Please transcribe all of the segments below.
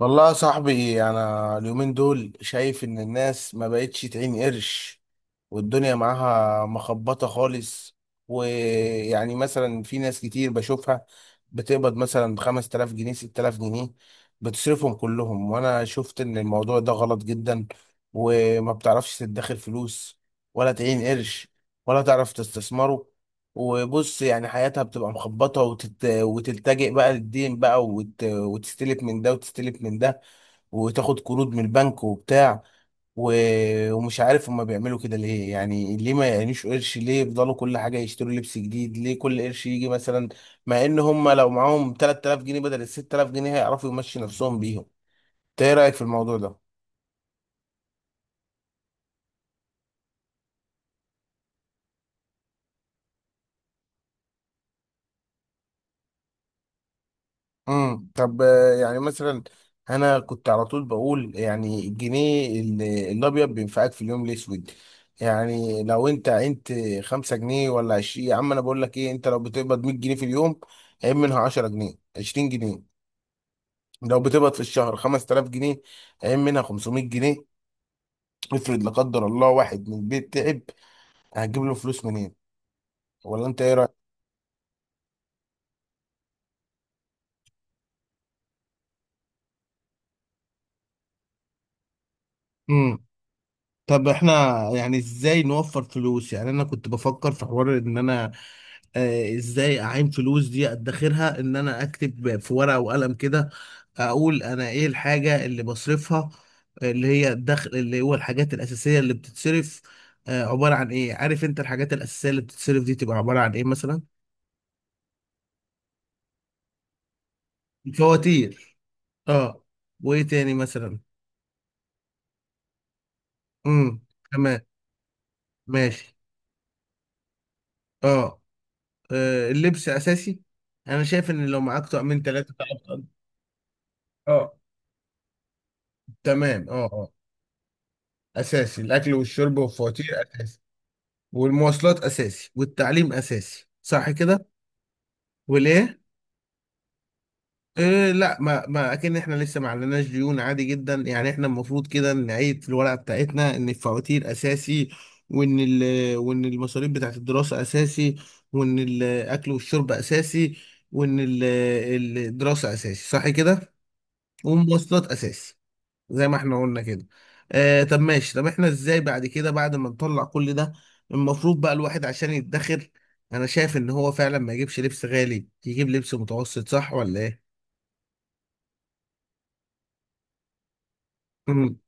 والله يا صاحبي، انا اليومين دول شايف ان الناس ما بقتش تعين قرش، والدنيا معاها مخبطة خالص. ويعني مثلا في ناس كتير بشوفها بتقبض مثلا 5000 جنيه، 6000 جنيه، بتصرفهم كلهم. وانا شفت ان الموضوع ده غلط جدا، وما بتعرفش تدخر فلوس ولا تعين قرش ولا تعرف تستثمره. وبص، يعني حياتها بتبقى مخبطة، وتلتجئ بقى للدين بقى، وتستلف من ده وتستلف من ده، وتاخد قروض من البنك وبتاع و... ومش عارف هما بيعملوا كده ليه، يعني ليه ما يعينوش قرش، ليه يفضلوا كل حاجة يشتروا لبس جديد، ليه كل قرش يجي مثلا مع ان هما لو معاهم 3000 جنيه بدل ال 6000 جنيه هيعرفوا يمشي نفسهم بيهم. إنت ايه رأيك في الموضوع ده؟ طب يعني مثلا انا كنت على طول بقول يعني الجنيه الابيض بينفعك في اليوم الاسود. يعني لو انت عينت 5 جنيه ولا 20، يا عم انا بقول لك ايه، انت لو بتقبض 100 جنيه في اليوم عين منها 10 جنيه، 20 جنيه. لو بتقبض في الشهر 5000 جنيه عين منها 500 جنيه. افرض لا قدر الله واحد من البيت تعب، هتجيب له فلوس منين؟ ولا انت ايه رايك؟ طب احنا، يعني ازاي نوفر فلوس؟ يعني انا كنت بفكر في حوار ان انا ازاي اعين فلوس دي ادخرها، ان انا اكتب في ورقة وقلم كده، اقول انا ايه الحاجة اللي بصرفها، اللي هي الدخل، اللي هو الحاجات الاساسية اللي بتتصرف عبارة عن ايه. عارف انت الحاجات الاساسية اللي بتتصرف دي تبقى عبارة عن ايه مثلا؟ فواتير. اه. وايه تاني مثلا؟ امم. تمام. ماشي. اه. اللبس اساسي. انا شايف ان لو معاك طقمين ثلاثه تعرف تقضي. اه، تمام، اه، اه. اساسي الاكل والشرب والفواتير اساسي، والمواصلات اساسي والتعليم اساسي صح كده؟ وليه؟ إيه لا، ما اكن احنا لسه ما عليناش ديون، عادي جدا. يعني احنا المفروض كده نعيد في الورقه بتاعتنا ان الفواتير اساسي، وان المصاريف بتاعت الدراسه اساسي، وان الاكل والشرب اساسي، وان ال- الدراسه اساسي صح كده؟ والمواصلات اساسي زي ما احنا قلنا كده. طب ماشي. طب احنا ازاي بعد كده، بعد ما نطلع كل ده المفروض بقى الواحد عشان يدخر؟ انا شايف ان هو فعلا ما يجيبش لبس غالي، يجيب لبس متوسط، صح ولا ايه؟ امم.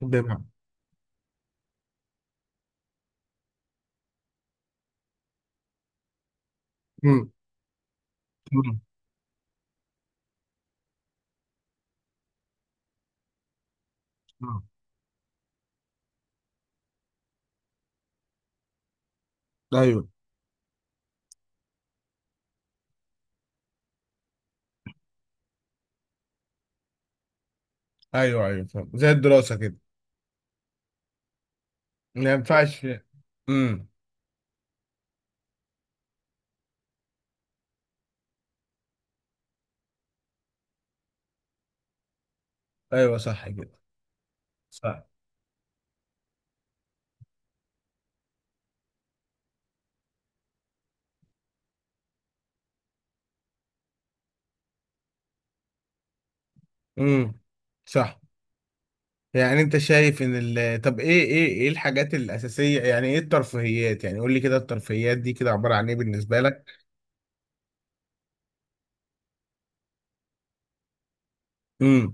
بمعنى؟ امم. أمم. آه. ايوه، ايوه، ايوه فاهم، زي الدراسة كده. ما ينفعش. امم. ايوه صح كده. صح. امم. صح. يعني انت شايف ان طب ايه الحاجات الاساسية، يعني ايه الترفيهيات؟ يعني قول لي كده، الترفيهيات دي كده عبارة عن ايه بالنسبة لك؟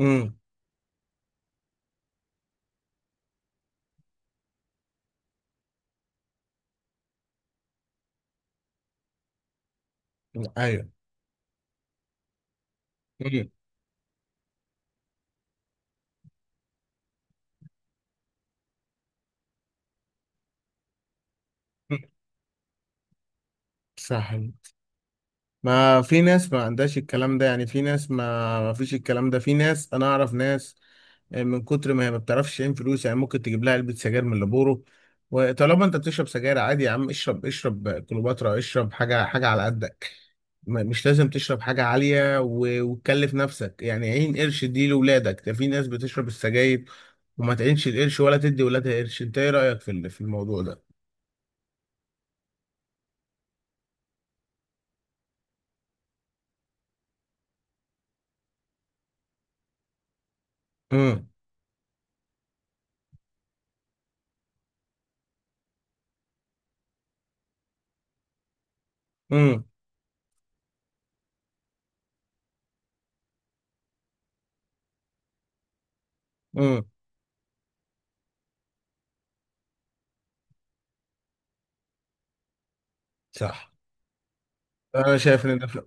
امم. ايوه. امم. صح. ما في ناس ما عندهاش الكلام ده، يعني في ناس ما فيش الكلام ده، في ناس انا اعرف ناس من كتر ما هي ما بتعرفش تعين فلوس يعني ممكن تجيب لها علبة سجاير من اللي. وطالما انت بتشرب سجاير عادي، يا عم اشرب، اشرب كليوباترا، اشرب حاجة حاجة على قدك. مش لازم تشرب حاجة عالية وتكلف نفسك، يعني عين قرش دي لولادك. ده في ناس بتشرب السجاير وما تعينش القرش ولا تدي ولادها قرش. انت ايه رأيك في الموضوع ده؟ امم. امم. صح. انا شايف ان ده فيلم.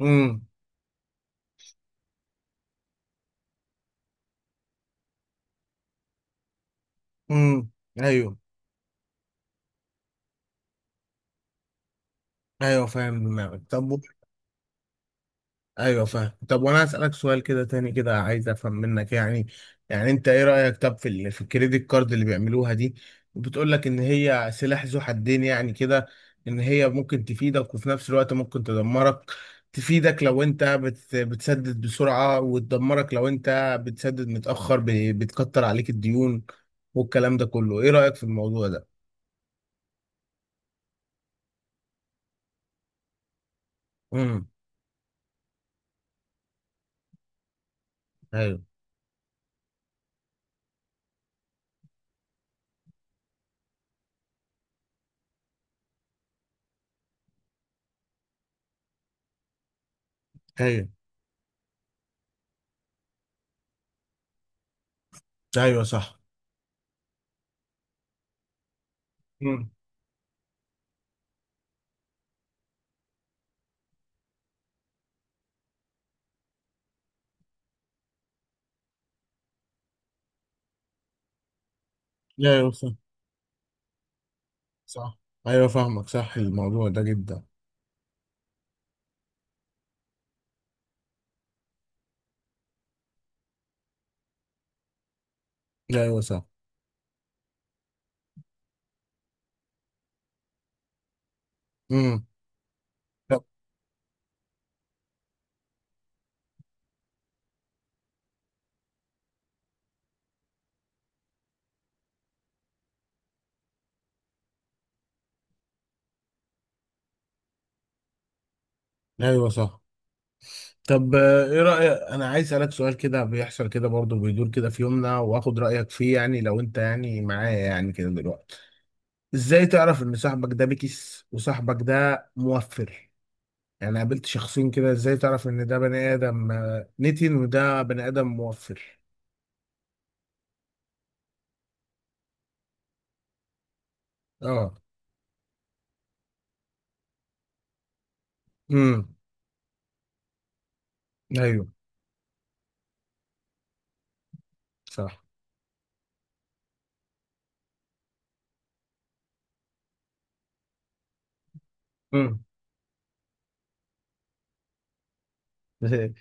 امم. امم. ايوه، ايوه فاهم دماغك. طب ايوه فاهم. طب وانا اسالك سؤال كده تاني كده، عايز افهم منك، يعني انت ايه رايك طب في الكريدت كارد اللي بيعملوها دي؟ بتقول لك ان هي سلاح ذو حدين يعني كده، ان هي ممكن تفيدك، وفي نفس الوقت ممكن تدمرك. تفيدك لو انت بتسدد بسرعه، وتدمرك لو انت بتسدد متاخر بتكتر عليك الديون والكلام ده كله. ايه رايك في الموضوع ده؟ امم. ايوه، ايوه صح. امم. ايوه صح. صح. ايوه فاهمك. صح، الموضوع ده جدا. ايوه صح. امم. طب. ايوه صح. طب ايه رأيك، انا عايز اسالك سؤال كده بيحصل كده برضه، بيدور كده في يومنا، واخد رأيك فيه. يعني لو انت يعني معايا يعني كده دلوقتي، ازاي تعرف ان صاحبك ده بكس وصاحبك ده موفر؟ يعني قابلت شخصين كده، ازاي تعرف ان ده بني ادم نتن وده بني ادم موفر؟ اه. امم. ايوه صح. امم.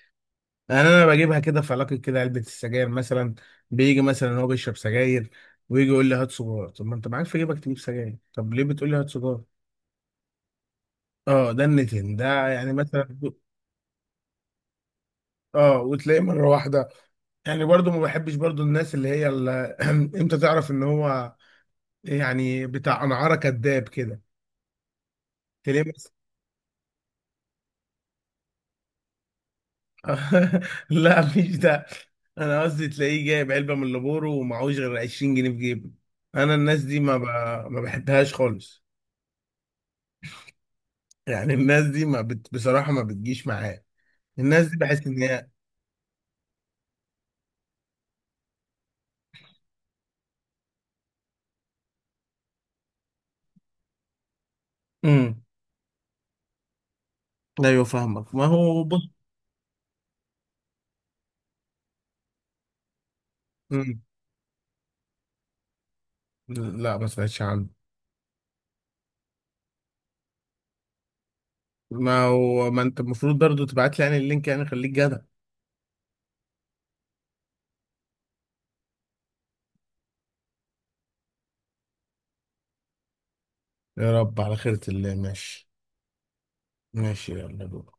يعني انا بجيبها كده في علاقه كده، علبه السجاير مثلا، بيجي مثلا هو بيشرب سجاير، ويجي يقول لي هات سجاره. طب ما انت معاك في جيبك تجيب سجاير، طب ليه بتقول لي هات سجاره؟ اه، ده النتن ده يعني مثلا. اه، وتلاقيه مره واحده، يعني برضو ما بحبش برضو الناس اللي هي امتى تعرف ان هو يعني بتاع انعاره كذاب كده؟ تلاقيه مثلا. لا مش ده. انا قصدي تلاقيه جايب علبه من لابورو ومعهوش غير 20 جنيه في جيبه. انا الناس دي ما بحبهاش خالص. يعني الناس دي ما بت... بصراحة ما بتجيش معايا، الناس دي بحس ان هي. امم. ايوه فاهمك. ما هو بص. امم. لا، ما سمعتش عنه. ما هو ما انت المفروض برضو تبعت لي يعني اللينك، يعني خليك جدع. يا رب على خيرة الله، ماشي. ماشي، يلا دول.